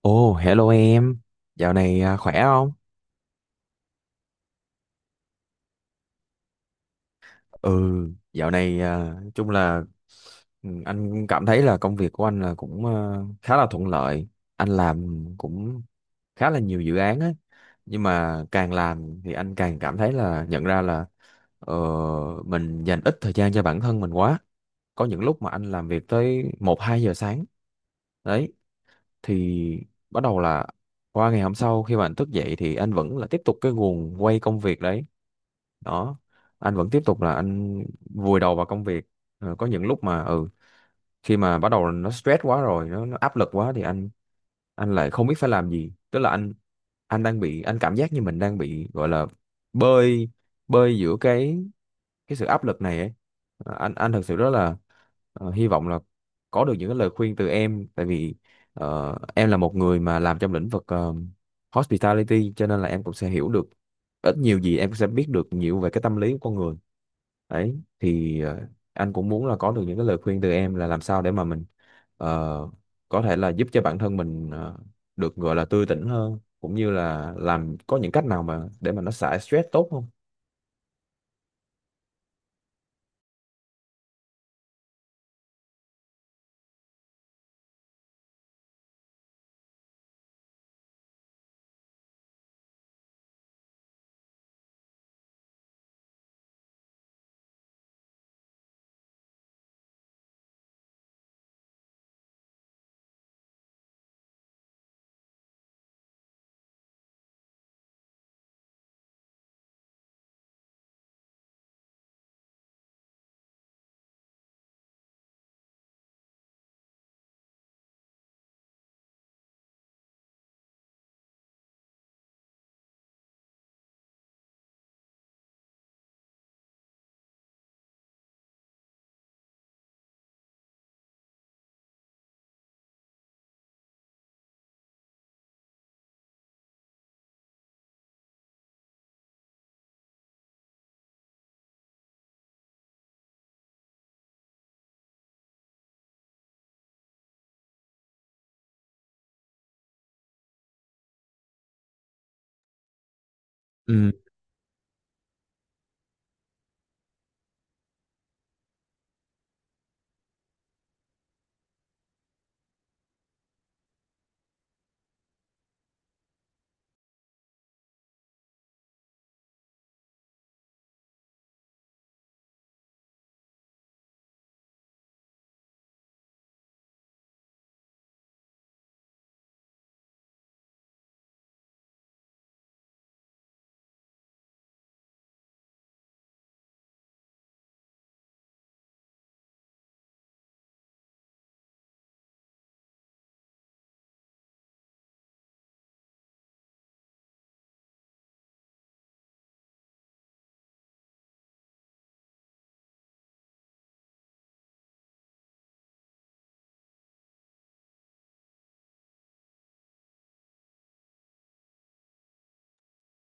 Ồ, hello em. Dạo này à, khỏe không? Ừ, dạo này à, nói chung là anh cảm thấy là công việc của anh là cũng à, khá là thuận lợi. Anh làm cũng khá là nhiều dự án á. Nhưng mà càng làm thì anh càng cảm thấy là nhận ra là ờ, mình dành ít thời gian cho bản thân mình quá. Có những lúc mà anh làm việc tới một hai giờ sáng. Đấy, thì bắt đầu là qua ngày hôm sau khi mà anh thức dậy thì anh vẫn là tiếp tục cái guồng quay công việc đấy đó, anh vẫn tiếp tục là anh vùi đầu vào công việc. Có những lúc mà khi mà bắt đầu nó stress quá rồi, nó áp lực quá thì anh lại không biết phải làm gì, tức là anh đang bị, anh cảm giác như mình đang bị gọi là bơi, bơi giữa cái sự áp lực này ấy. Anh thật sự rất là hy vọng là có được những cái lời khuyên từ em, tại vì em là một người mà làm trong lĩnh vực hospitality, cho nên là em cũng sẽ hiểu được ít nhiều gì, em sẽ biết được nhiều về cái tâm lý của con người. Đấy thì anh cũng muốn là có được những cái lời khuyên từ em là làm sao để mà mình ờ, có thể là giúp cho bản thân mình được gọi là tươi tỉnh hơn, cũng như là làm có những cách nào mà để mà nó xả stress tốt không.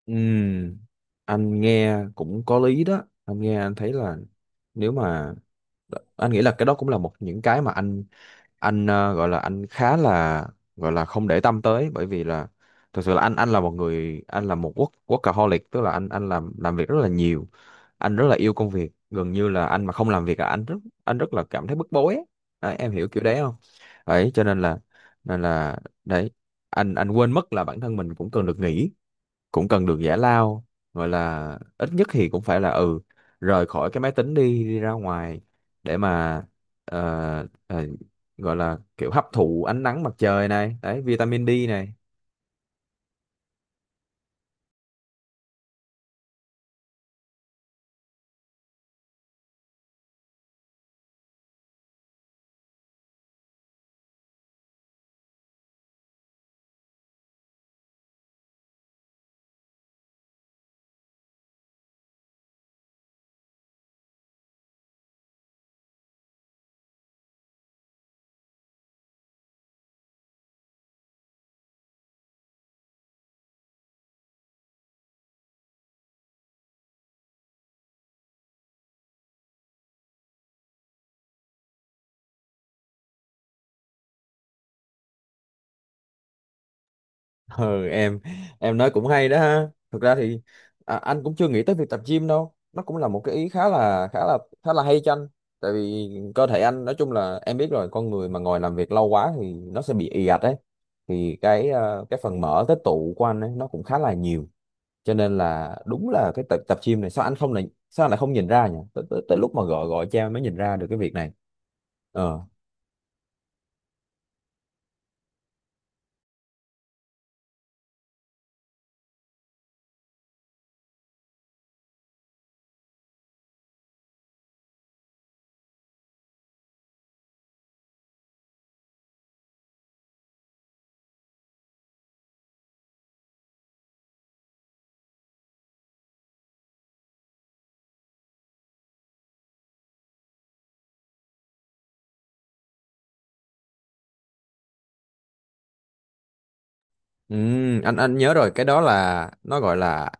Ừ, anh nghe cũng có lý đó. Anh nghe anh thấy là, nếu mà anh nghĩ là cái đó cũng là một những cái mà anh gọi là anh khá là, gọi là không để tâm tới, bởi vì là thực sự là anh là một người, anh là một workaholic, tức là anh làm việc rất là nhiều. Anh rất là yêu công việc, gần như là anh mà không làm việc là anh rất là cảm thấy bức bối ấy. Đấy, em hiểu kiểu đấy không, đấy cho nên là, nên là đấy, anh quên mất là bản thân mình cũng cần được nghỉ, cũng cần được giải lao, gọi là ít nhất thì cũng phải là rời khỏi cái máy tính, đi đi ra ngoài để mà ờ, ờ, gọi là kiểu hấp thụ ánh nắng mặt trời này, đấy, vitamin D này. Ừ, em nói cũng hay đó ha. Thực ra thì à, anh cũng chưa nghĩ tới việc tập gym đâu, nó cũng là một cái ý khá là hay cho anh. Tại vì cơ thể anh, nói chung là em biết rồi, con người mà ngồi làm việc lâu quá thì nó sẽ bị ì ạch đấy, thì cái phần mỡ tích tụ của anh ấy nó cũng khá là nhiều. Cho nên là đúng là cái tập tập gym này, sao anh không, này sao anh lại không nhìn ra nhỉ, tới lúc mà gọi gọi cha mới nhìn ra được cái việc này. ờ Ừ, anh nhớ rồi, cái đó là nó gọi là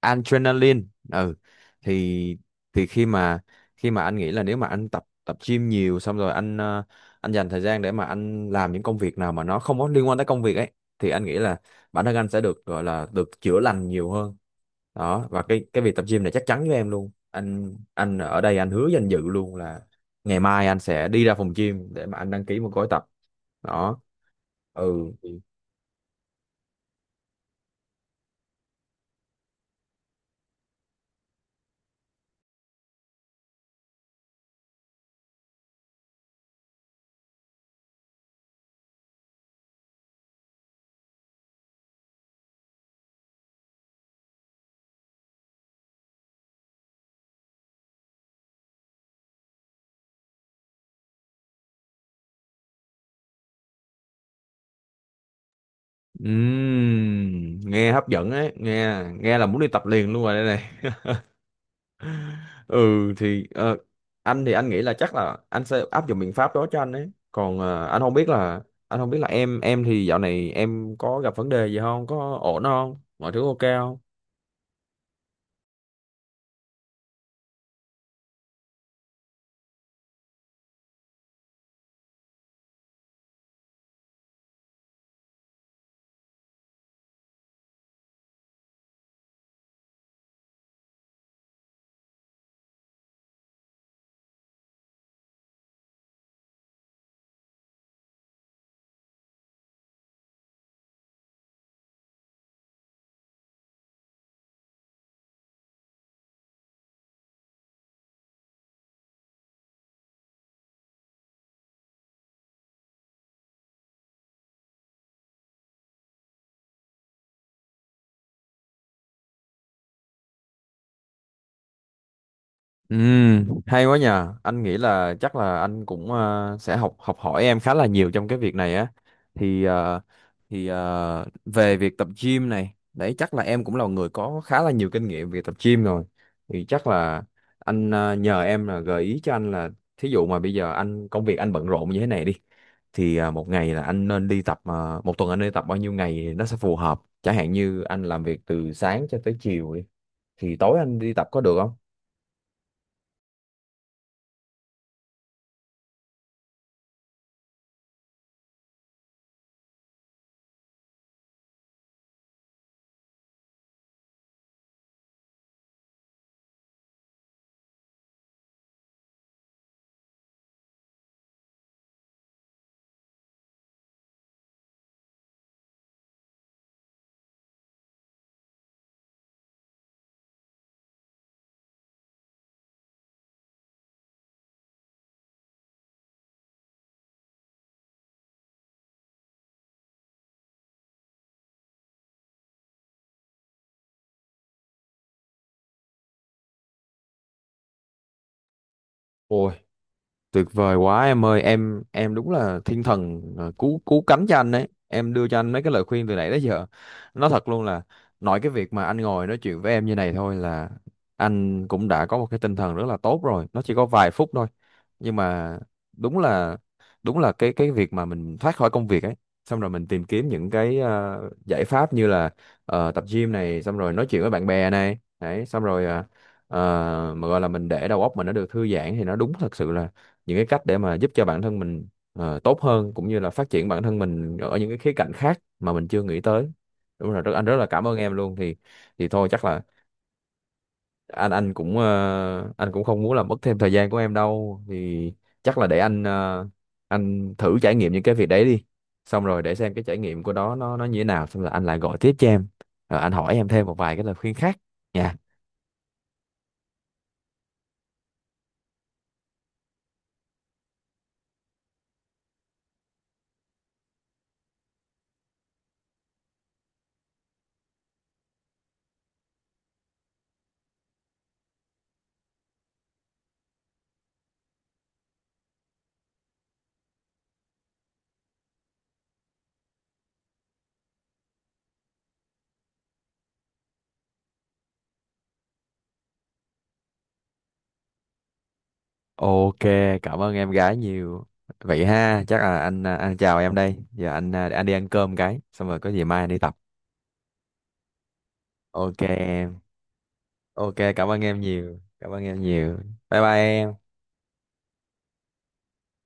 adrenaline. Ừ, thì thì khi mà anh nghĩ là, nếu mà anh tập tập gym nhiều, xong rồi anh dành thời gian để mà anh làm những công việc nào mà nó không có liên quan tới công việc ấy, thì anh nghĩ là bản thân anh sẽ được gọi là được chữa lành nhiều hơn. Đó, và cái việc tập gym này, chắc chắn với em luôn, anh ở đây anh hứa danh dự luôn là ngày mai anh sẽ đi ra phòng gym để mà anh đăng ký một gói tập. Đó, ừ. Nghe hấp dẫn ấy, nghe nghe là muốn đi tập liền luôn rồi đây này. Ừ, thì anh thì anh nghĩ là chắc là anh sẽ áp dụng biện pháp đó cho anh ấy. Còn anh không biết là, em thì dạo này em có gặp vấn đề gì không, có ổn không, mọi thứ ok không? Ừ, hay quá nhờ. Anh nghĩ là chắc là anh cũng sẽ học học hỏi em khá là nhiều trong cái việc này á. Thì ờ, thì về việc tập gym này, đấy chắc là em cũng là người có khá là nhiều kinh nghiệm về tập gym rồi. Thì chắc là nhờ em là gợi ý cho anh là thí dụ mà bây giờ anh, công việc anh bận rộn như thế này đi, thì à, một ngày là anh nên đi tập à, một tuần anh nên tập bao nhiêu ngày thì nó sẽ phù hợp, chẳng hạn như anh làm việc từ sáng cho tới chiều đi thì tối anh đi tập có được không? Tuyệt vời quá em ơi, em đúng là thiên thần, cứu cứu cánh cho anh đấy. Em đưa cho anh mấy cái lời khuyên từ nãy đến giờ. Nói thật luôn là, nói cái việc mà anh ngồi nói chuyện với em như này thôi là anh cũng đã có một cái tinh thần rất là tốt rồi. Nó chỉ có vài phút thôi. Nhưng mà đúng là đúng là cái việc mà mình thoát khỏi công việc ấy, xong rồi mình tìm kiếm những cái giải pháp như là tập gym này, xong rồi nói chuyện với bạn bè này, đấy, xong rồi mà gọi là mình để đầu óc mình nó được thư giãn, thì nó đúng thật sự là những cái cách để mà giúp cho bản thân mình tốt hơn, cũng như là phát triển bản thân mình ở những cái khía cạnh khác mà mình chưa nghĩ tới. Đúng rồi, anh rất là cảm ơn em luôn. Thì thôi, chắc là anh cũng không muốn làm mất thêm thời gian của em đâu, thì chắc là để anh thử trải nghiệm những cái việc đấy đi, xong rồi để xem cái trải nghiệm của đó nó như thế nào, xong rồi anh lại gọi tiếp cho em, rồi anh hỏi em thêm một vài cái lời khuyên khác nha. Ok, cảm ơn em gái nhiều. Vậy ha, chắc là anh à, anh chào em đây. Giờ anh à, để anh đi ăn cơm cái, xong rồi có gì mai anh đi tập. Ok em. Ok, cảm ơn em nhiều. Cảm ơn em nhiều. Bye bye em.